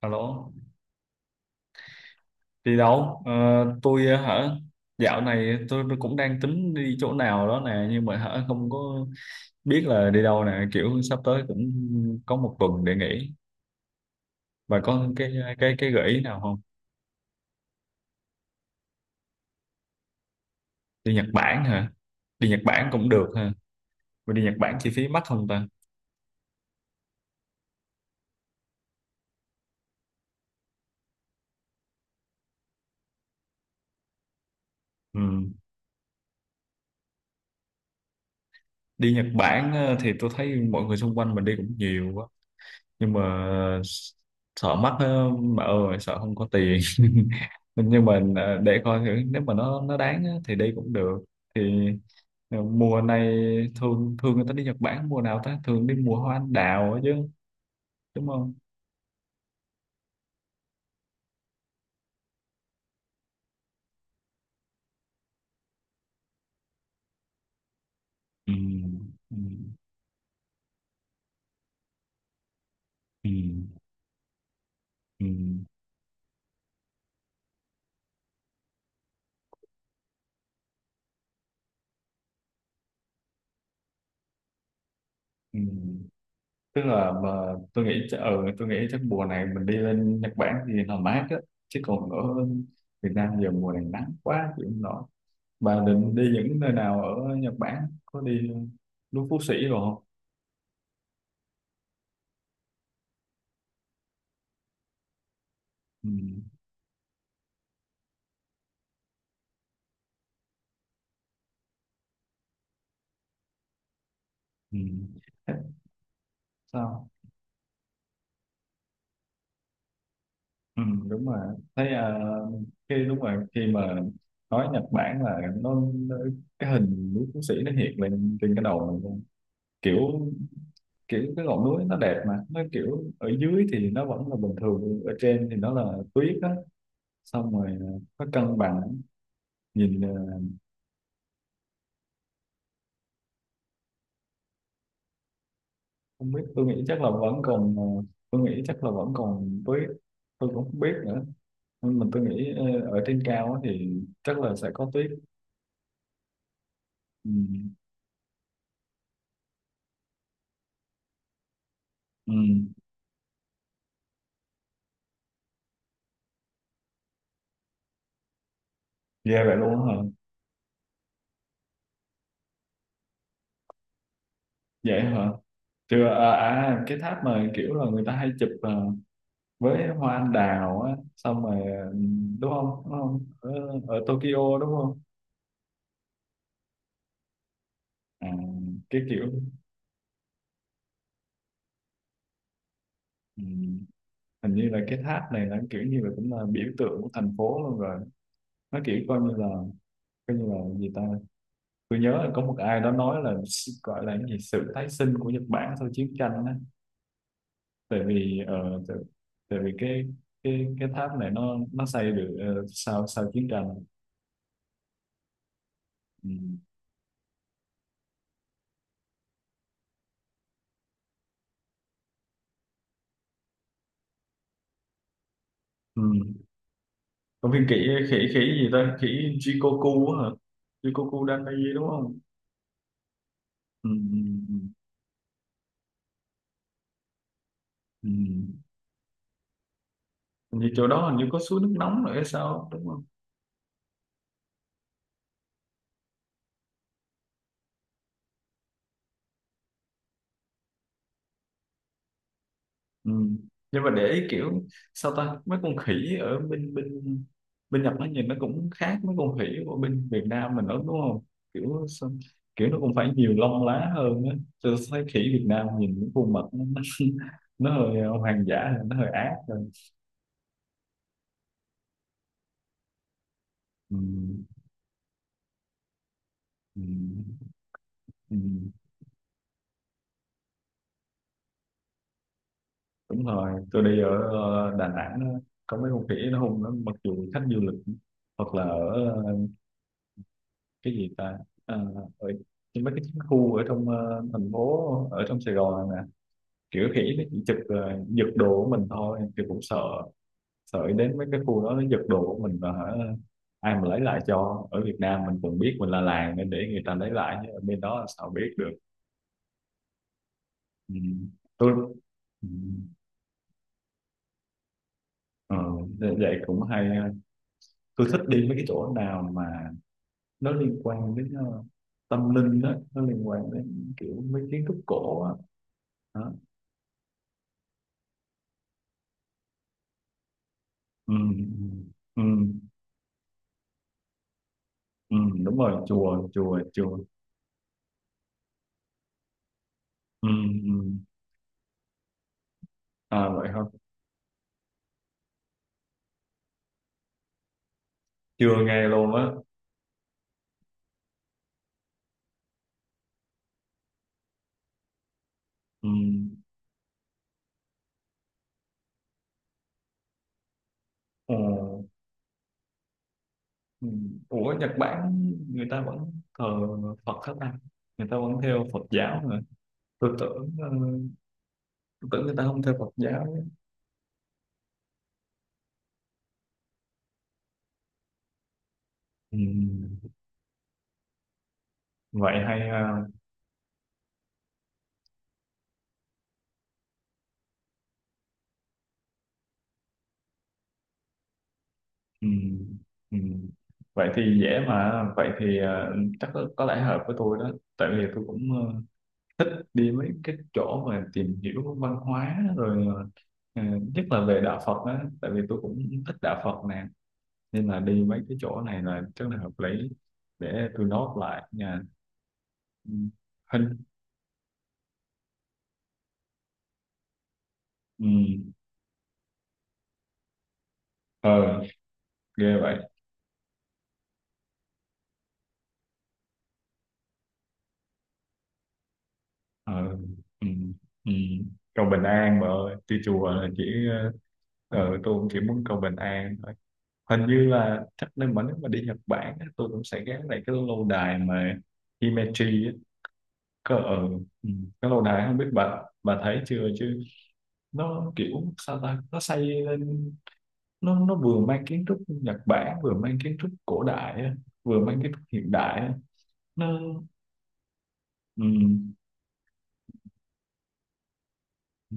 Alo, đi đâu? Ờ, tôi ờ, hả? Dạo này tôi cũng đang tính đi chỗ nào đó nè, nhưng mà không có biết là đi đâu nè, kiểu sắp tới cũng có một tuần để nghỉ. Bà có cái gợi ý nào không? Đi Nhật Bản hả? Đi Nhật Bản cũng được ha. Mà đi Nhật Bản chi phí mắc không ta? Ừ. Đi Nhật Bản thì tôi thấy mọi người xung quanh mình đi cũng nhiều quá. Nhưng mà sợ mắc á, bà ơi sợ không có tiền. Nhưng mà để coi thử nếu mà nó đáng á, thì đi cũng được. Thì mùa này thường thường người ta đi Nhật Bản mùa nào ta, thường đi mùa hoa anh đào á chứ, đúng không? Ừ. Ừ. Ừ. Ừ. Ừ. Tức là mà ừ, tôi nghĩ chắc mùa này mình đi lên Nhật Bản thì nó mát á, chứ còn ở Việt Nam giờ mùa này nắng quá chịu không nổi. Bà định đi những nơi nào ở Nhật Bản? Có đi núi Phú Sĩ rồi không? Ừ. Ừ. Thế. Sao? Ừ, đúng rồi. Thấy khi đúng rồi, khi mà nói Nhật Bản là nó cái hình núi Phú Sĩ nó hiện lên trên cái đầu mình luôn. Kiểu kiểu cái ngọn núi nó đẹp, mà nó kiểu ở dưới thì nó vẫn là bình thường, ở trên thì nó là tuyết á, xong rồi nó cân bằng nhìn. Không biết, tôi nghĩ chắc là vẫn còn tôi nghĩ chắc là vẫn còn tuyết, tôi cũng không biết nữa. Nhưng mà tôi nghĩ ở trên cao á thì chắc là sẽ có tuyết. Ừ. Ừ. Ghê vậy luôn á hả? Vậy hả? Chưa, cái tháp mà kiểu là người ta hay chụp với hoa anh đào á, xong rồi đúng không? Đúng không? Ở Tokyo đúng không? à, cái kiểu ừ. Hình như là cái tháp này nó kiểu như là cũng là biểu tượng của thành phố luôn rồi, nó kiểu coi như là gì ta. Tôi nhớ là có một ai đó nói là gọi là cái gì sự tái sinh của Nhật Bản sau chiến tranh á, tại vì tại vì cái tháp này nó xây được sau sau chiến tranh. Ừ. Ừ. Còn viên khỉ khỉ khỉ gì ta, khỉ Jikoku á hả? Jikoku Danmaji đúng không? Ừ. Ừ. Ừ. Ừ. Hình như chỗ đó hình như có suối nước nóng rồi hay sao đúng không? Ừ. Nhưng mà để ý kiểu sao ta mấy con khỉ ở bên bên bên Nhật nó nhìn nó cũng khác mấy con khỉ của bên Việt Nam mình đó đúng không? kiểu sao- Kiểu nó cũng phải nhiều lông lá hơn á. Tôi thấy khỉ Việt Nam nhìn những khuôn mặt nó, nó hơi hoang dã, nó hơi ác hơn. Ừ. Ừ. Ừ. Đúng rồi, tôi đi ở Đà Nẵng á, có mấy con khỉ nó hung lắm mặc dù khách du lịch, hoặc là ở cái gì ta, à, ở nhưng mấy cái chiến khu ở trong thành phố, ở trong Sài Gòn nè, kiểu khỉ nó chỉ chụp giật đồ của mình thôi thì cũng sợ. Sợ đến mấy cái khu đó nó giật đồ của mình và hả, ai mà lấy lại cho. Ở Việt Nam mình còn biết mình là làng nên để người ta lấy lại, chứ ở bên đó là sao biết được. Ừ. Tôi ừ. Ờ, vậy cũng hay ha. Tôi thích đi mấy cái chỗ nào mà nó liên quan đến tâm linh đó, nó liên quan đến kiểu mấy kiến trúc cổ á. Đó. Ừ. Ừ. Ừ. Ừ, đúng rồi, chùa chùa chùa. Ừ. Ừ. À vậy không? Chưa nghe luôn á. Ừ. Ồ, ừ. Ủa, Nhật Bản người ta vẫn thờ Phật hết ta, người ta vẫn theo Phật giáo mà. Tôi tưởng tôi tưởng người ta không theo Phật giáo. Ừ. Vậy hay ha. Ừ. Ừ. Vậy thì dễ mà, vậy thì chắc có lẽ hợp với tôi đó, tại vì tôi cũng thích đi mấy cái chỗ mà tìm hiểu văn hóa rồi ờ, nhất là về đạo Phật á, tại vì tôi cũng thích đạo Phật nè, nên là đi mấy cái chỗ này là rất là hợp lý. Để tôi nốt lại nha. Ừ, hình ừ. Ờ, ghê vậy. Ờ. Ừ. Ừ. Cầu bình an mà ơi, đi chùa là chỉ ờ. Ờ, tôi cũng chỉ muốn cầu bình an thôi. Hình như là chắc nên mà nếu mà đi Nhật Bản á, tôi cũng sẽ ghé lại cái lâu đài mà Himeji á, cơ ở ừ, cái lâu đài không biết bà thấy chưa chứ. Nó kiểu sao ta, nó xây lên, nó vừa mang kiến trúc Nhật Bản, vừa mang kiến trúc cổ đại á, vừa mang kiến trúc hiện đại á. Nó ừ, ừ,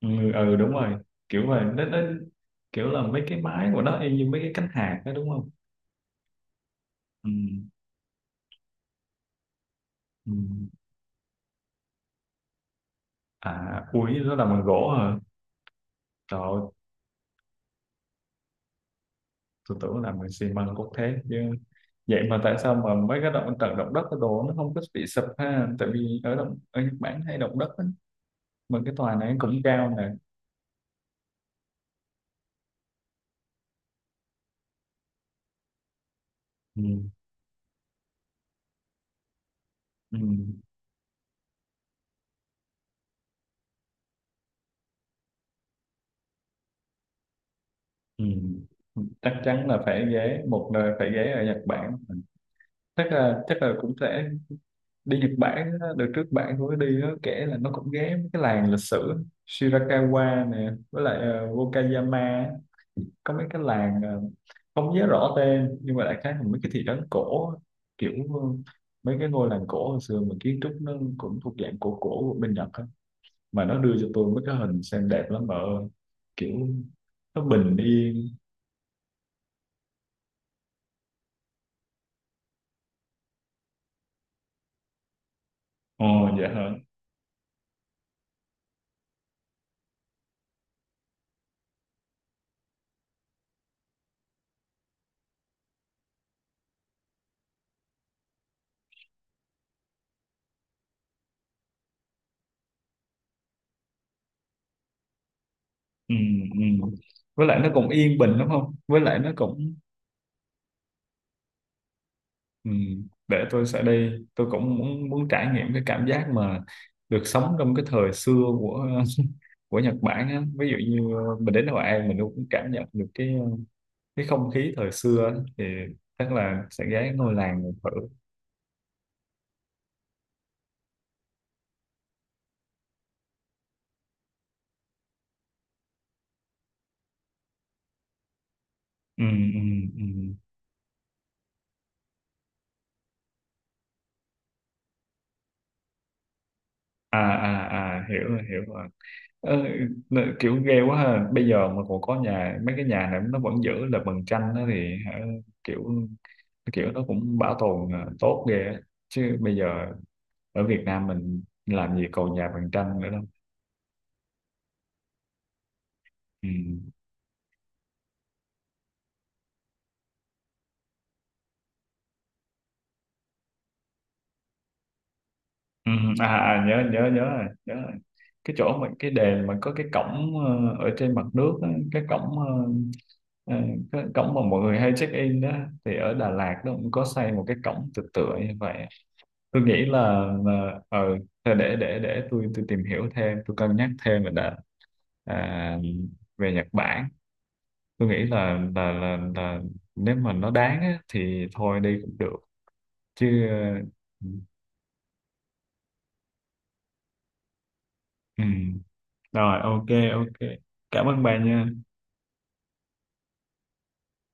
ừ, ừ, đúng rồi. Kiểu vậy nó kiểu là mấy cái mái của nó y như mấy cái cánh hạc đó đúng không? Ừ. Ừ. À, ui nó làm bằng gỗ hả? Trời ơi, tôi tưởng làm bằng xi măng cốt thép chứ. Vậy mà tại sao mà mấy cái động đất cái đồ nó không có bị sụp ha, tại vì ở động ở Nhật Bản hay động đất á, mà cái tòa này cũng cao nè. Ừ. Ừ. Ừ. Chắc chắn là phải ghé một nơi, phải ghé ở Nhật Bản. Chắc là cũng sẽ đi Nhật Bản á. Đợt trước bạn tôi có đi á, kể là nó cũng ghé mấy cái làng lịch sử Shirakawa nè, với lại Wakayama á. Có mấy cái làng không nhớ rõ tên nhưng mà đại khái là mấy cái thị trấn cổ á. Kiểu ờ, mấy cái ngôi làng cổ hồi xưa mà kiến trúc nó cũng thuộc dạng cổ cổ của bên Nhật á, mà nó đưa cho tôi mấy cái hình xem đẹp lắm mà ơi. Kiểu nó bình yên. Ồ, dạ hả? Ừ, ừ. Với lại nó cũng yên bình đúng không, với lại nó cũng Ừ, để tôi sẽ đi, tôi cũng muốn muốn trải nghiệm cái cảm giác mà được sống trong cái thời xưa của của Nhật Bản á. Ví dụ như mình đến Hội An mình cũng cảm nhận được cái không khí thời xưa á, thì chắc là sẽ ghé ngôi làng mình thử. Ừ. Ừ. Ừ. À, à, à, hiểu rồi, hiểu rồi. Ờ, kiểu ghê quá ha, bây giờ mà còn có nhà, mấy cái nhà này nó vẫn giữ là bằng tranh đó thì hả, kiểu kiểu nó cũng bảo tồn tốt ghê á. Chứ bây giờ ở Việt Nam mình làm gì còn nhà bằng tranh nữa đâu. Ừ. Ừ, à, à à, nhớ nhớ nhớ rồi, nhớ rồi. Cái chỗ mà cái đền mà có cái cổng ở trên mặt nước á, cái cổng ờ, cái cổng mà mọi người hay check in đó. Thì ở Đà Lạt nó cũng có xây một cái cổng tự tựa như vậy. Tôi nghĩ là ờ thôi để tôi tìm hiểu thêm, tôi cân nhắc thêm rồi đã. À, về Nhật Bản tôi nghĩ là nếu mà nó đáng á, thì thôi đi cũng được. Chứ ừ. Ừ. Rồi ok. Ok, cảm ơn bà nha.